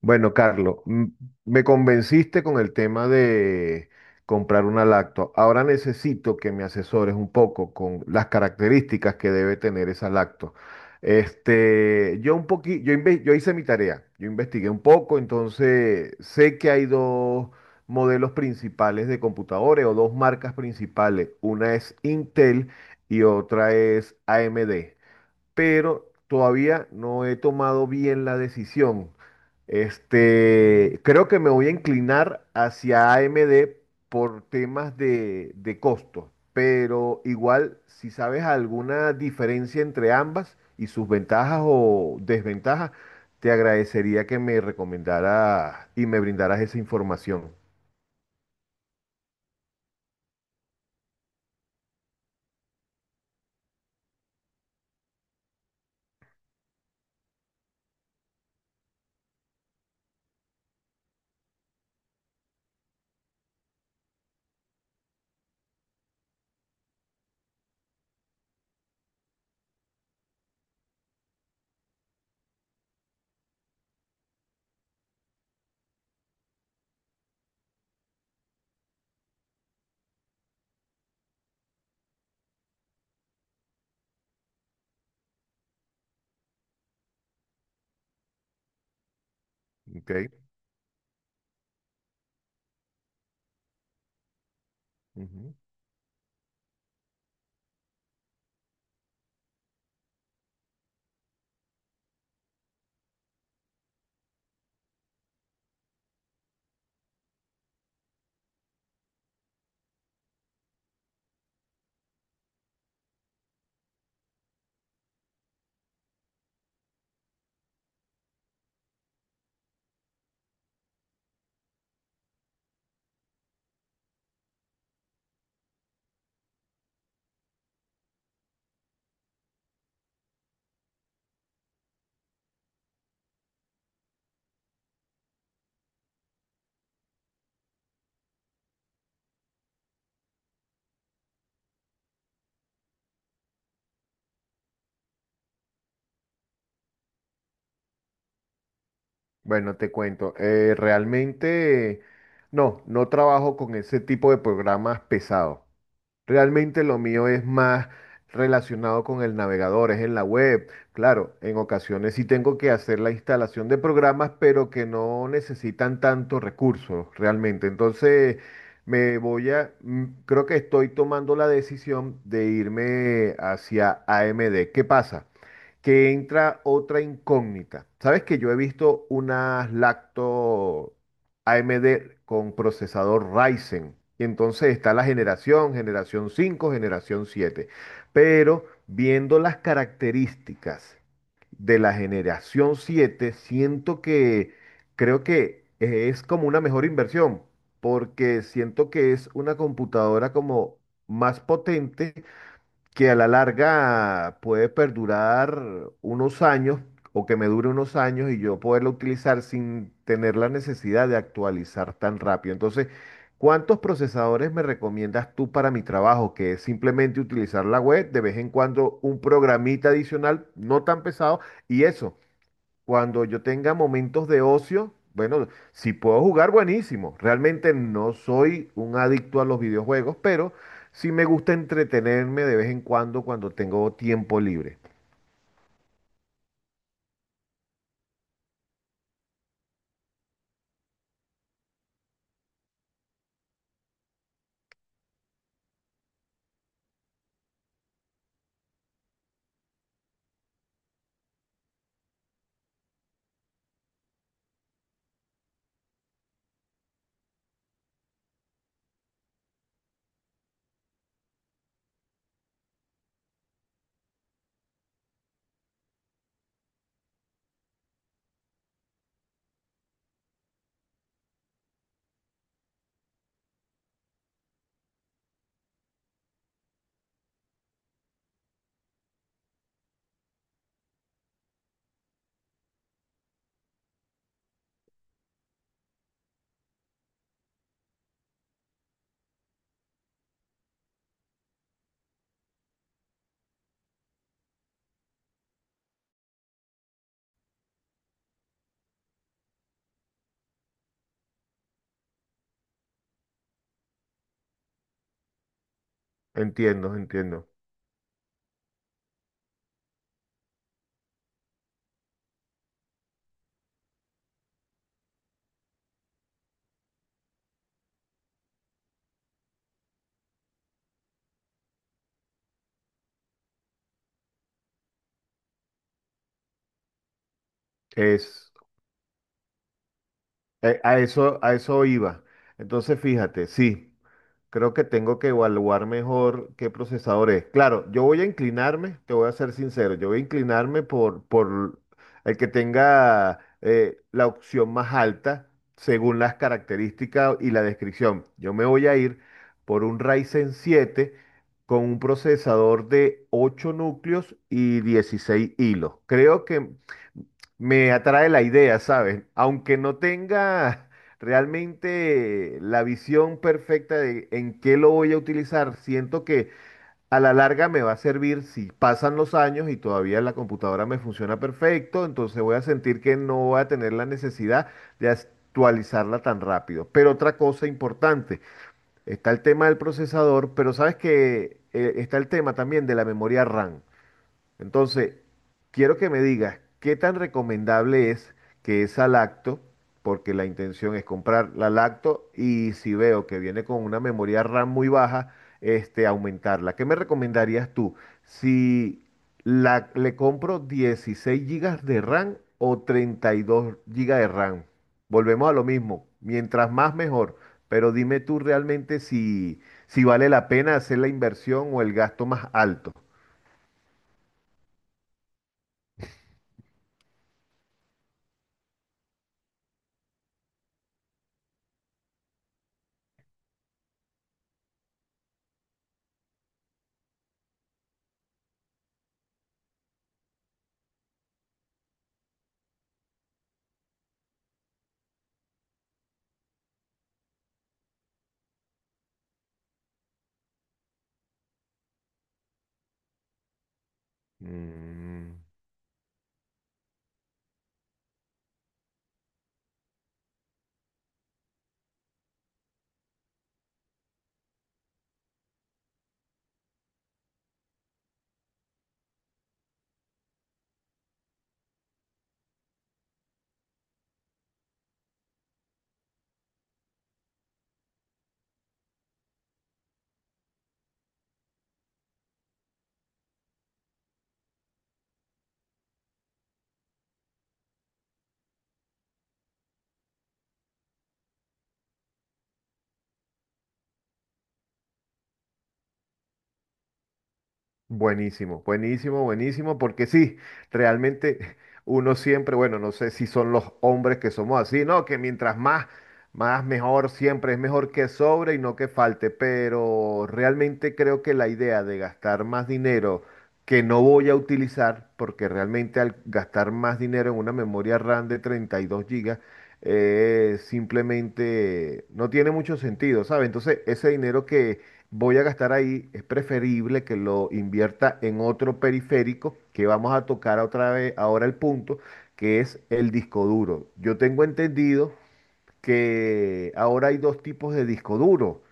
Bueno, Carlos, me convenciste con el tema de comprar una lacto. Ahora necesito que me asesores un poco con las características que debe tener esa lacto. Este, yo un poqui- yo, inve- yo hice mi tarea, yo investigué un poco, entonces sé que hay dos modelos principales de computadores o dos marcas principales. Una es Intel y otra es AMD, pero todavía no he tomado bien la decisión. Creo que me voy a inclinar hacia AMD por temas de costo, pero igual si sabes alguna diferencia entre ambas y sus ventajas o desventajas, te agradecería que me recomendaras y me brindaras esa información. ¿Ok? Ujú. Bueno, te cuento. Realmente, no, no trabajo con ese tipo de programas pesados. Realmente lo mío es más relacionado con el navegador, es en la web. Claro, en ocasiones sí tengo que hacer la instalación de programas, pero que no necesitan tantos recursos realmente. Entonces, me voy a, mm, creo que estoy tomando la decisión de irme hacia AMD. ¿Qué pasa? Que entra otra incógnita. Sabes que yo he visto unas lacto AMD con procesador Ryzen. Y entonces está la generación 5 generación siete. Pero viendo las características de la generación 7 siento que creo que es como una mejor inversión, porque siento que es una computadora como más potente que a la larga puede perdurar unos años o que me dure unos años y yo poderla utilizar sin tener la necesidad de actualizar tan rápido. Entonces, ¿cuántos procesadores me recomiendas tú para mi trabajo? Que es simplemente utilizar la web, de vez en cuando un programita adicional, no tan pesado, y eso. Cuando yo tenga momentos de ocio, bueno, si puedo jugar, buenísimo. Realmente no soy un adicto a los videojuegos, pero sí me gusta entretenerme de vez en cuando cuando tengo tiempo libre. Entiendo, entiendo. Es, a eso iba. Entonces, fíjate, sí. Creo que tengo que evaluar mejor qué procesador es. Claro, yo voy a inclinarme, te voy a ser sincero, yo voy a inclinarme por el que tenga la opción más alta según las características y la descripción. Yo me voy a ir por un Ryzen 7 con un procesador de 8 núcleos y 16 hilos. Creo que me atrae la idea, ¿sabes? Aunque no tenga realmente la visión perfecta de en qué lo voy a utilizar, siento que a la larga me va a servir si pasan los años y todavía la computadora me funciona perfecto, entonces voy a sentir que no voy a tener la necesidad de actualizarla tan rápido. Pero otra cosa importante, está el tema del procesador, pero sabes que está el tema también de la memoria RAM. Entonces, quiero que me digas qué tan recomendable es que esa lacto, porque la intención es comprar la lacto y si veo que viene con una memoria RAM muy baja, aumentarla. ¿Qué me recomendarías tú? Si le compro 16 gigas de RAM o 32 gigas de RAM. Volvemos a lo mismo, mientras más mejor, pero dime tú realmente si vale la pena hacer la inversión o el gasto más alto. Mm. Buenísimo, buenísimo, buenísimo, porque sí, realmente uno siempre, bueno, no sé si son los hombres que somos así, no, que mientras más, más mejor siempre, es mejor que sobre y no que falte, pero realmente creo que la idea de gastar más dinero que no voy a utilizar, porque realmente al gastar más dinero en una memoria RAM de 32 gigas, simplemente no tiene mucho sentido, ¿sabes? Entonces, ese dinero que voy a gastar ahí, es preferible que lo invierta en otro periférico que vamos a tocar otra vez ahora el punto, que es el disco duro. Yo tengo entendido que ahora hay dos tipos de disco duro.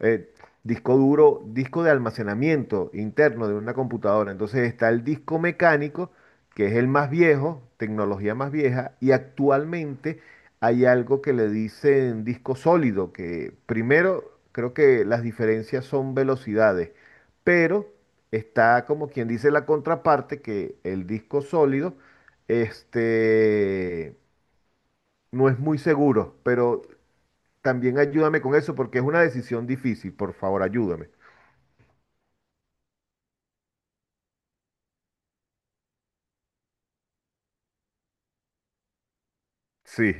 Eh, disco duro, disco de almacenamiento interno de una computadora. Entonces está el disco mecánico, que es el más viejo, tecnología más vieja, y actualmente hay algo que le dicen disco sólido, que primero creo que las diferencias son velocidades, pero está como quien dice la contraparte, que el disco sólido, este no es muy seguro, pero también ayúdame con eso porque es una decisión difícil, por favor, ayúdame. Sí.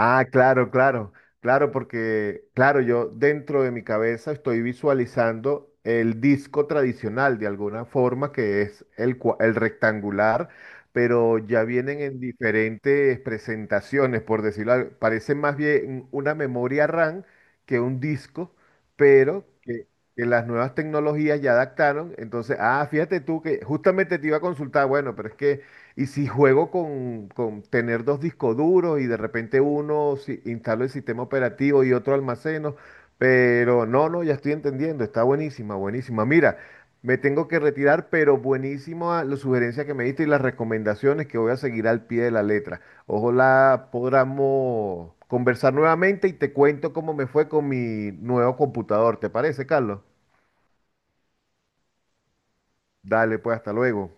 Ah, claro, claro, claro, porque, claro, yo dentro de mi cabeza estoy visualizando el disco tradicional de alguna forma, que es el rectangular, pero ya vienen en diferentes presentaciones, por decirlo, parece más bien una memoria RAM que un disco, pero que las nuevas tecnologías ya adaptaron. Entonces, ah, fíjate tú que justamente te iba a consultar, bueno, pero es que... Y si juego con tener dos discos duros y de repente uno instalo el sistema operativo y otro almaceno, pero no, no, ya estoy entendiendo, está buenísima, buenísima. Mira, me tengo que retirar, pero buenísima las sugerencias que me diste y las recomendaciones que voy a seguir al pie de la letra. Ojalá podamos conversar nuevamente y te cuento cómo me fue con mi nuevo computador, ¿te parece, Carlos? Dale, pues hasta luego.